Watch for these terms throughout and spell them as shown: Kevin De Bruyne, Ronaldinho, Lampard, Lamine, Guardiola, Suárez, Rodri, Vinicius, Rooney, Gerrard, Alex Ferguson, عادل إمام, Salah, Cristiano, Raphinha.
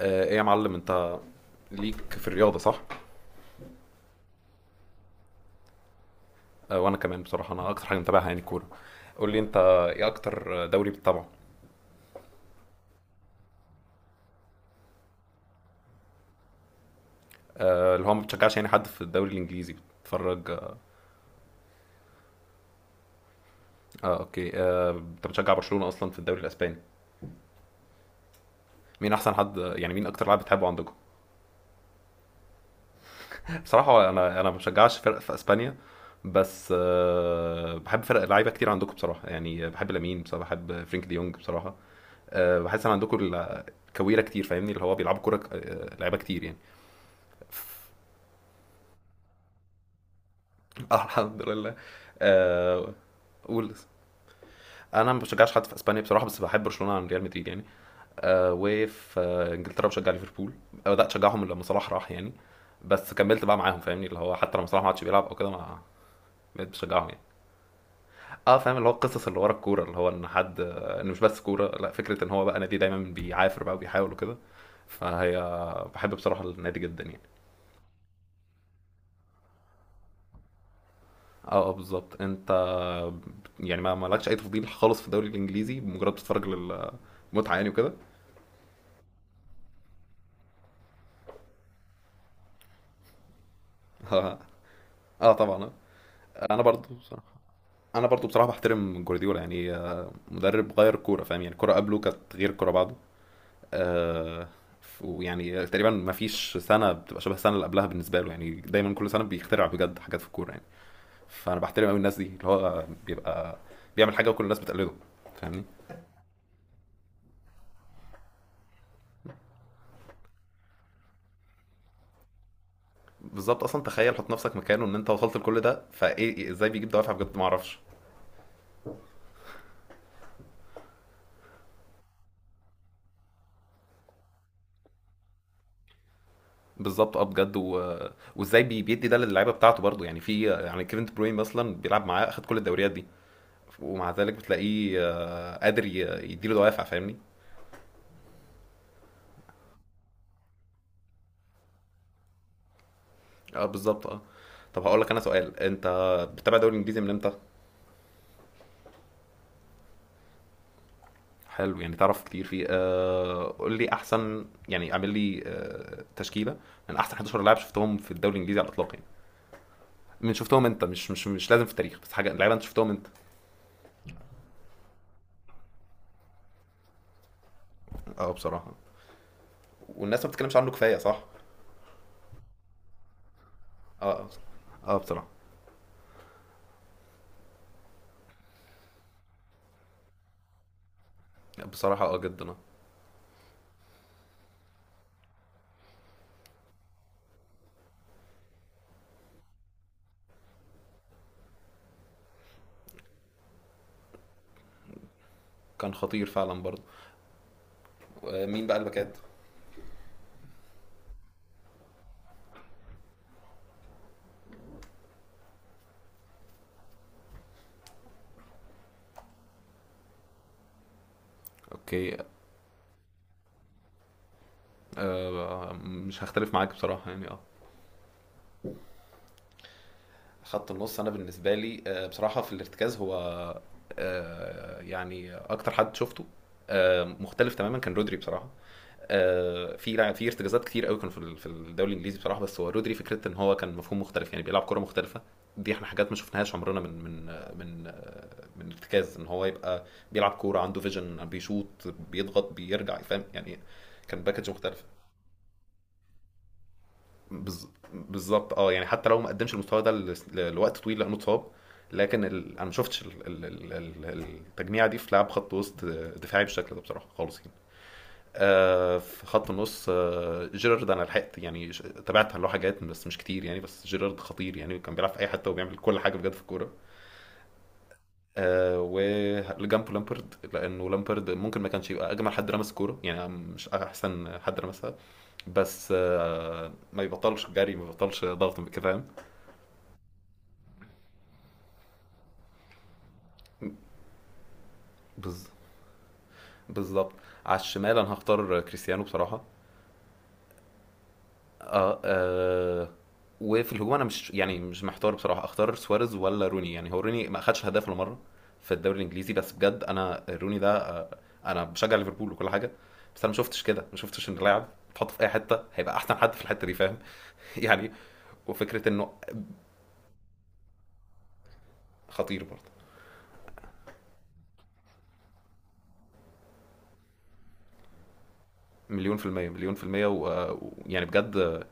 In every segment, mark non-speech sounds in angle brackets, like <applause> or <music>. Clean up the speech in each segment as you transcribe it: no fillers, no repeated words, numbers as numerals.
ايه يا معلم انت ليك في الرياضة صح؟ وانا كمان بصراحة انا اكتر حاجة متابعها يعني الكورة. قول لي انت ايه اكتر دوري بتتابعه؟ اللي هو ما بتشجعش يعني حد في الدوري الانجليزي بتتفرج اه؟ اوكي، انت بتشجع برشلونة اصلا في الدوري الاسباني. مين احسن حد يعني مين اكتر لاعب بتحبه عندكم؟ بصراحة انا ما بشجعش فرق في اسبانيا، بس بحب فرق لعيبة كتير عندكم بصراحة، يعني بحب لامين بصراحة، بحب فرينك دي يونج بصراحة. بحس ان عندكم كويرة كتير، فاهمني اللي هو بيلعبوا كورة لعيبة كتير يعني. <laughs> <applause> الحمد لله. آه، قول، انا ما بشجعش حد في اسبانيا بصراحه، بس بحب برشلونه عن ريال مدريد يعني. وفي انجلترا بشجع ليفربول. بدات اشجعهم لما صلاح راح يعني، بس كملت بقى معاهم، فاهمني اللي هو حتى لما صلاح ما عادش بيلعب او كده ما بقيت بشجعهم يعني. اه فاهم اللي هو القصص اللي ورا الكوره، اللي هو ان حد ان مش بس كوره، لا فكره ان هو بقى نادي دايما بيعافر بقى وبيحاول وكده. فهي بحب بصراحه النادي جدا يعني. اه اه بالظبط. انت يعني ما مالكش اي تفضيل خالص في الدوري الانجليزي، بمجرد بتتفرج للمتعه يعني وكده. <laughs> اه طبعا. انا برضو بصراحه انا برضو بصراحه بحترم جوارديولا يعني، مدرب غير كوره، فاهم يعني الكوره قبله كانت غير الكوره بعده. آه، ويعني تقريبا ما فيش سنه بتبقى شبه السنه اللي قبلها بالنسبه له، يعني دايما كل سنه بيخترع بجد حاجات في الكوره يعني. فانا بحترم قوي الناس دي اللي هو بيبقى بيعمل حاجه وكل الناس بتقلده، فاهمني. بالظبط، اصلا تخيل حط نفسك مكانه ان انت وصلت لكل ده، فايه ازاي بيجيب دوافع بجد ما اعرفش. بالظبط اه بجد وازاي بيدي ده للعيبه بتاعته برضه، يعني في يعني كيفن دي بروين مثلا بيلعب معاه اخد كل الدوريات دي، ومع ذلك بتلاقيه قادر يديله دوافع فاهمني. اه بالظبط اه. طب هقول لك انا سؤال. انت بتتابع الدوري الانجليزي من امتى؟ حلو، يعني تعرف كتير فيه. قول لي احسن، يعني اعمل لي تشكيله من احسن 11 لاعب شفتهم في الدوري الانجليزي على الاطلاق يعني. من شفتهم انت، مش لازم في التاريخ، بس حاجه لعيبه انت شفتهم انت. اه بصراحه، والناس ما بتتكلمش عنه كفايه صح. اه اه بصراحه. بصراحة جدا. كان خطير فعلا برضه. مين بقى الباكات؟ اوكي. مش هختلف معاك بصراحة يعني اه. خط النص انا بالنسبة لي بصراحة، في الارتكاز هو يعني اكتر حد شفته مختلف تماما كان رودري بصراحة. في في ارتكازات كتير قوي كانوا في في الدوري الانجليزي بصراحه، بس هو رودري، فكره ان هو كان مفهوم مختلف يعني، بيلعب كره مختلفه. دي احنا حاجات ما شفناهاش عمرنا، من من ارتكاز ان هو يبقى بيلعب كوره عنده فيجن، بيشوط، بيضغط، باكج فاهم يعني. كان باكج مختلف. بز- بالظبط اه. يعني حتى لو ما قدمش المستوى ده لوقت طويل لانه اتصاب، لكن انا ما شفتش التجميعه دي في لعب خط وسط دفاعي بالشكل ده بصراحه خالص يعني. في خط النص جيرارد انا لحقت يعني، تابعت له حاجات بس مش كتير يعني، بس جيرارد خطير يعني، كان بيلعب في اي حته وبيعمل كل حاجه بجد في الكوره. وجنبه لامبرد، لانه لامبرد ممكن ما كانش يبقى اجمل حد رمس كوره يعني، مش احسن حد رمسها، بس ما يبطلش جري، ما يبطلش ضغط كده فاهم. بز- بالظبط. على الشمال انا هختار كريستيانو بصراحه. اه وفي الهجوم انا مش يعني مش محتار بصراحه، اختار سواريز ولا روني؟ يعني هو روني ما خدش هداف ولا مره في الدوري الانجليزي، بس بجد انا روني ده. انا بشجع ليفربول وكل حاجه، بس انا ما شفتش كده، ما شفتش ان لاعب تحطه في اي حته هيبقى احسن حد في الحته دي فاهم. <laughs> يعني، وفكره انه خطير برضه. مليون في المية مليون في المية ويعني بجد، آه،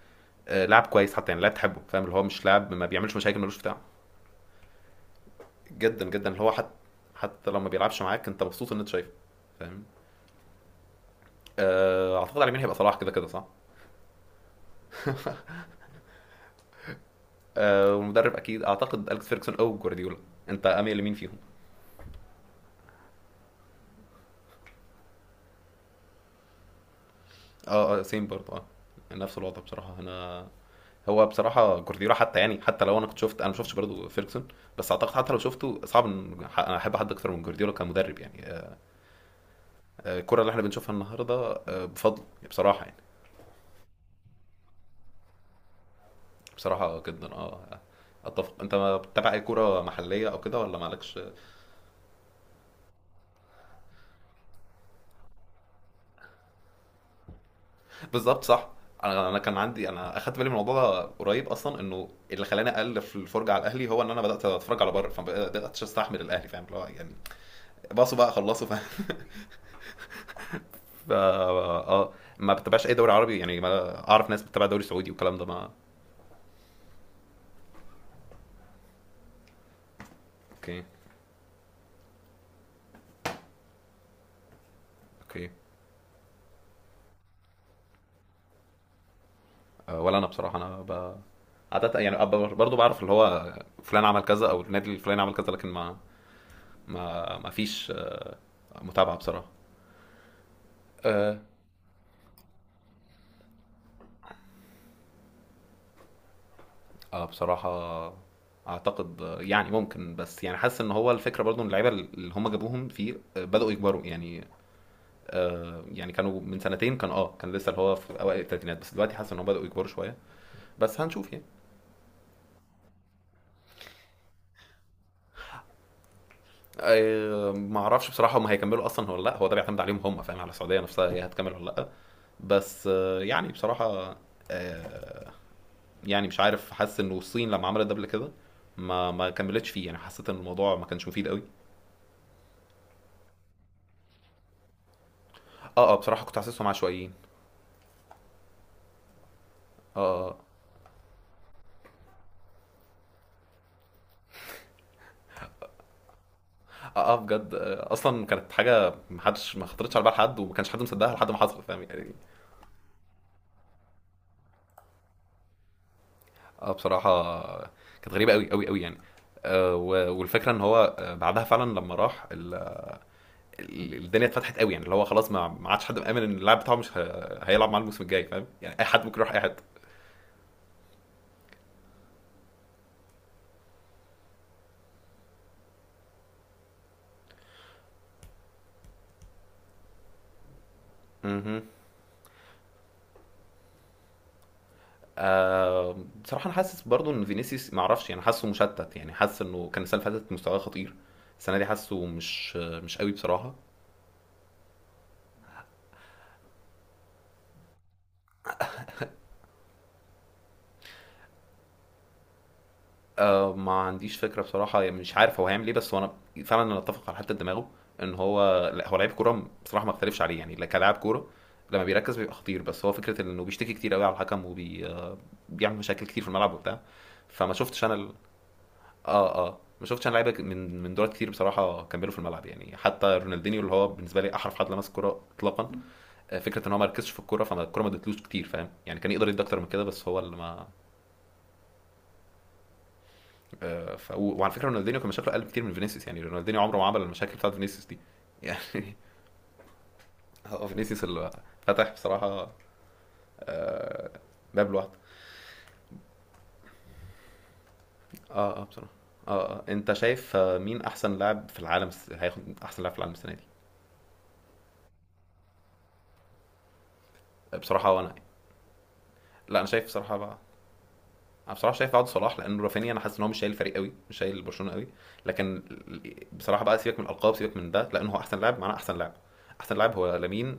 آه، لاعب كويس، حتى يعني لاعب تحبه فاهم اللي هو مش لاعب، ما بيعملش مشاكل، ملوش بتاع. جدا جدا اللي هو حتى، حتى لما بيلعبش معاك انت مبسوط ان انت شايفه فاهم. اعتقد على اليمين هيبقى صلاح، كده كده صح. والمدرب اكيد اعتقد اليكس فيركسون او جوارديولا. انت اميل لمين فيهم؟ اه اه سيم برضه اه. نفس الوضع بصراحه انا. هو بصراحه جوارديولا، حتى يعني حتى لو انا كنت شفت، انا ما شفتش برضه فيركسون، بس اعتقد حتى لو شفته صعب ان أنا احب حد اكتر من جوارديولا كمدرب يعني. الكره اللي احنا بنشوفها النهارده بفضله بصراحه يعني. بصراحه جدا. اتفق. انت ما بتتابع اي كوره محليه او كده، ولا مالكش؟ بالظبط صح. انا كان عندي، انا اخدت بالي من الموضوع ده قريب، اصلا انه اللي خلاني اقل في الفرجه على الاهلي هو ان انا بدات اتفرج على بره، فبدات استحمل الاهلي فاهم اللي هو يعني، باصوا بقى خلصوا فاهم. اه. ما بتابعش اي دوري عربي يعني، ما اعرف ناس بتتابع دوري سعودي والكلام ده ما. اوكي اوكي. ولا انا بصراحه انا. عادة يعني برضو بعرف اللي هو فلان عمل كذا او النادي الفلاني عمل كذا، لكن ما، ما فيش متابعه بصراحه. اه بصراحة، اعتقد يعني ممكن، بس يعني حاسس ان هو الفكرة برضو ان اللعيبة اللي هم جابوهم فيه بدأوا يكبروا يعني. يعني كانوا من سنتين كان لسه اللي هو في اوائل الثلاثينات، بس دلوقتي حاسس ان هم بدأوا يكبروا شوية، بس هنشوف يعني. ما اعرفش بصراحة هم هيكملوا اصلا ولا لا، هو ده بيعتمد عليهم هم فاهم، على السعودية نفسها هي هتكمل ولا لا. بس يعني بصراحة آه، يعني مش عارف، حاسس انه الصين لما عملت ده قبل كده ما كملتش فيه يعني، حسيت ان الموضوع ما كانش مفيد قوي. اه اه بصراحة كنت حاسسهم عشوائيين. اه. اه بجد اصلا كانت حاجه محدش ما خطرتش على بال حد وما كانش حد مصدقها لحد ما حصل فاهم يعني. اه بصراحه، كانت غريبه قوي قوي قوي يعني. والفكره ان هو بعدها فعلا لما راح الدنيا اتفتحت قوي يعني، اللي هو خلاص ما عادش حد مأمن ان اللاعب بتاعه مش هيلعب معاه الموسم الجاي فاهم يعني، اي حد ممكن يروح اي حد. مهم. آه بصراحه انا حاسس برضو ان فينيسيوس، ما اعرفش يعني، حاسه مشتت، يعني حاسس انه كان السنه اللي فاتت مستواه خطير، السنه دي حاسه مش قوي بصراحه. ما عنديش فكرة بصراحة يعني، مش عارف هو هيعمل ايه، بس هو انا فعلا انا اتفق على حتة دماغه، ان هو لا هو لعيب كورة بصراحة ما اختلفش عليه يعني، لا كلاعب كورة لما بيركز بيبقى خطير، بس هو فكرة انه بيشتكي كتير قوي على الحكم، وبيعمل وبي آه، بيعمل مشاكل كتير في الملعب وبتاع. فما شفتش انا. اه اه ما شفتش انا لعيبة من دول كتير بصراحة كملوا في الملعب يعني، حتى رونالدينيو اللي هو بالنسبة لي احرف حد لمس الكورة اطلاقا، فكرة ان هو ما ركزش في الكورة، فما الكورة ما ادتلوش كتير فاهم يعني، كان يقدر يدي اكتر من كده، بس هو اللي ما. وعلى فكره رونالدينيو كان مشاكله اقل بكتير من فينيسيوس يعني، رونالدينيو عمره ما عمل المشاكل بتاعت فينيسيوس دي. <laughs> يعني، هو فينيسيوس اللي فتح بصراحه باب لوحده. اه اه بصراحه. اه اه انت شايف مين احسن لاعب في العالم هياخد احسن لاعب في العالم السنه دي؟ بصراحه وانا، لا انا شايف بصراحه بقى، انا بصراحه شايف بعد صلاح، لان رافينيا انا حاسس ان هو مش شايل الفريق قوي، مش شايل برشلونه قوي، لكن بصراحه بقى سيبك من الالقاب، سيبك من ده، لان هو احسن لاعب معناه احسن لاعب، احسن لاعب هو لامين.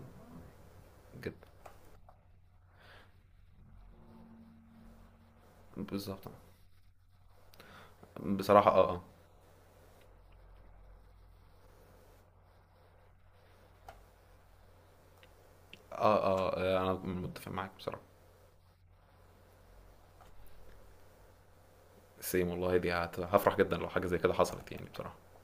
جدا بالظبط بصراحه اه اه. اه اه انا متفق معاك بصراحه. سيم والله، دي هفرح جدا لو حاجه زي كده حصلت يعني بصراحه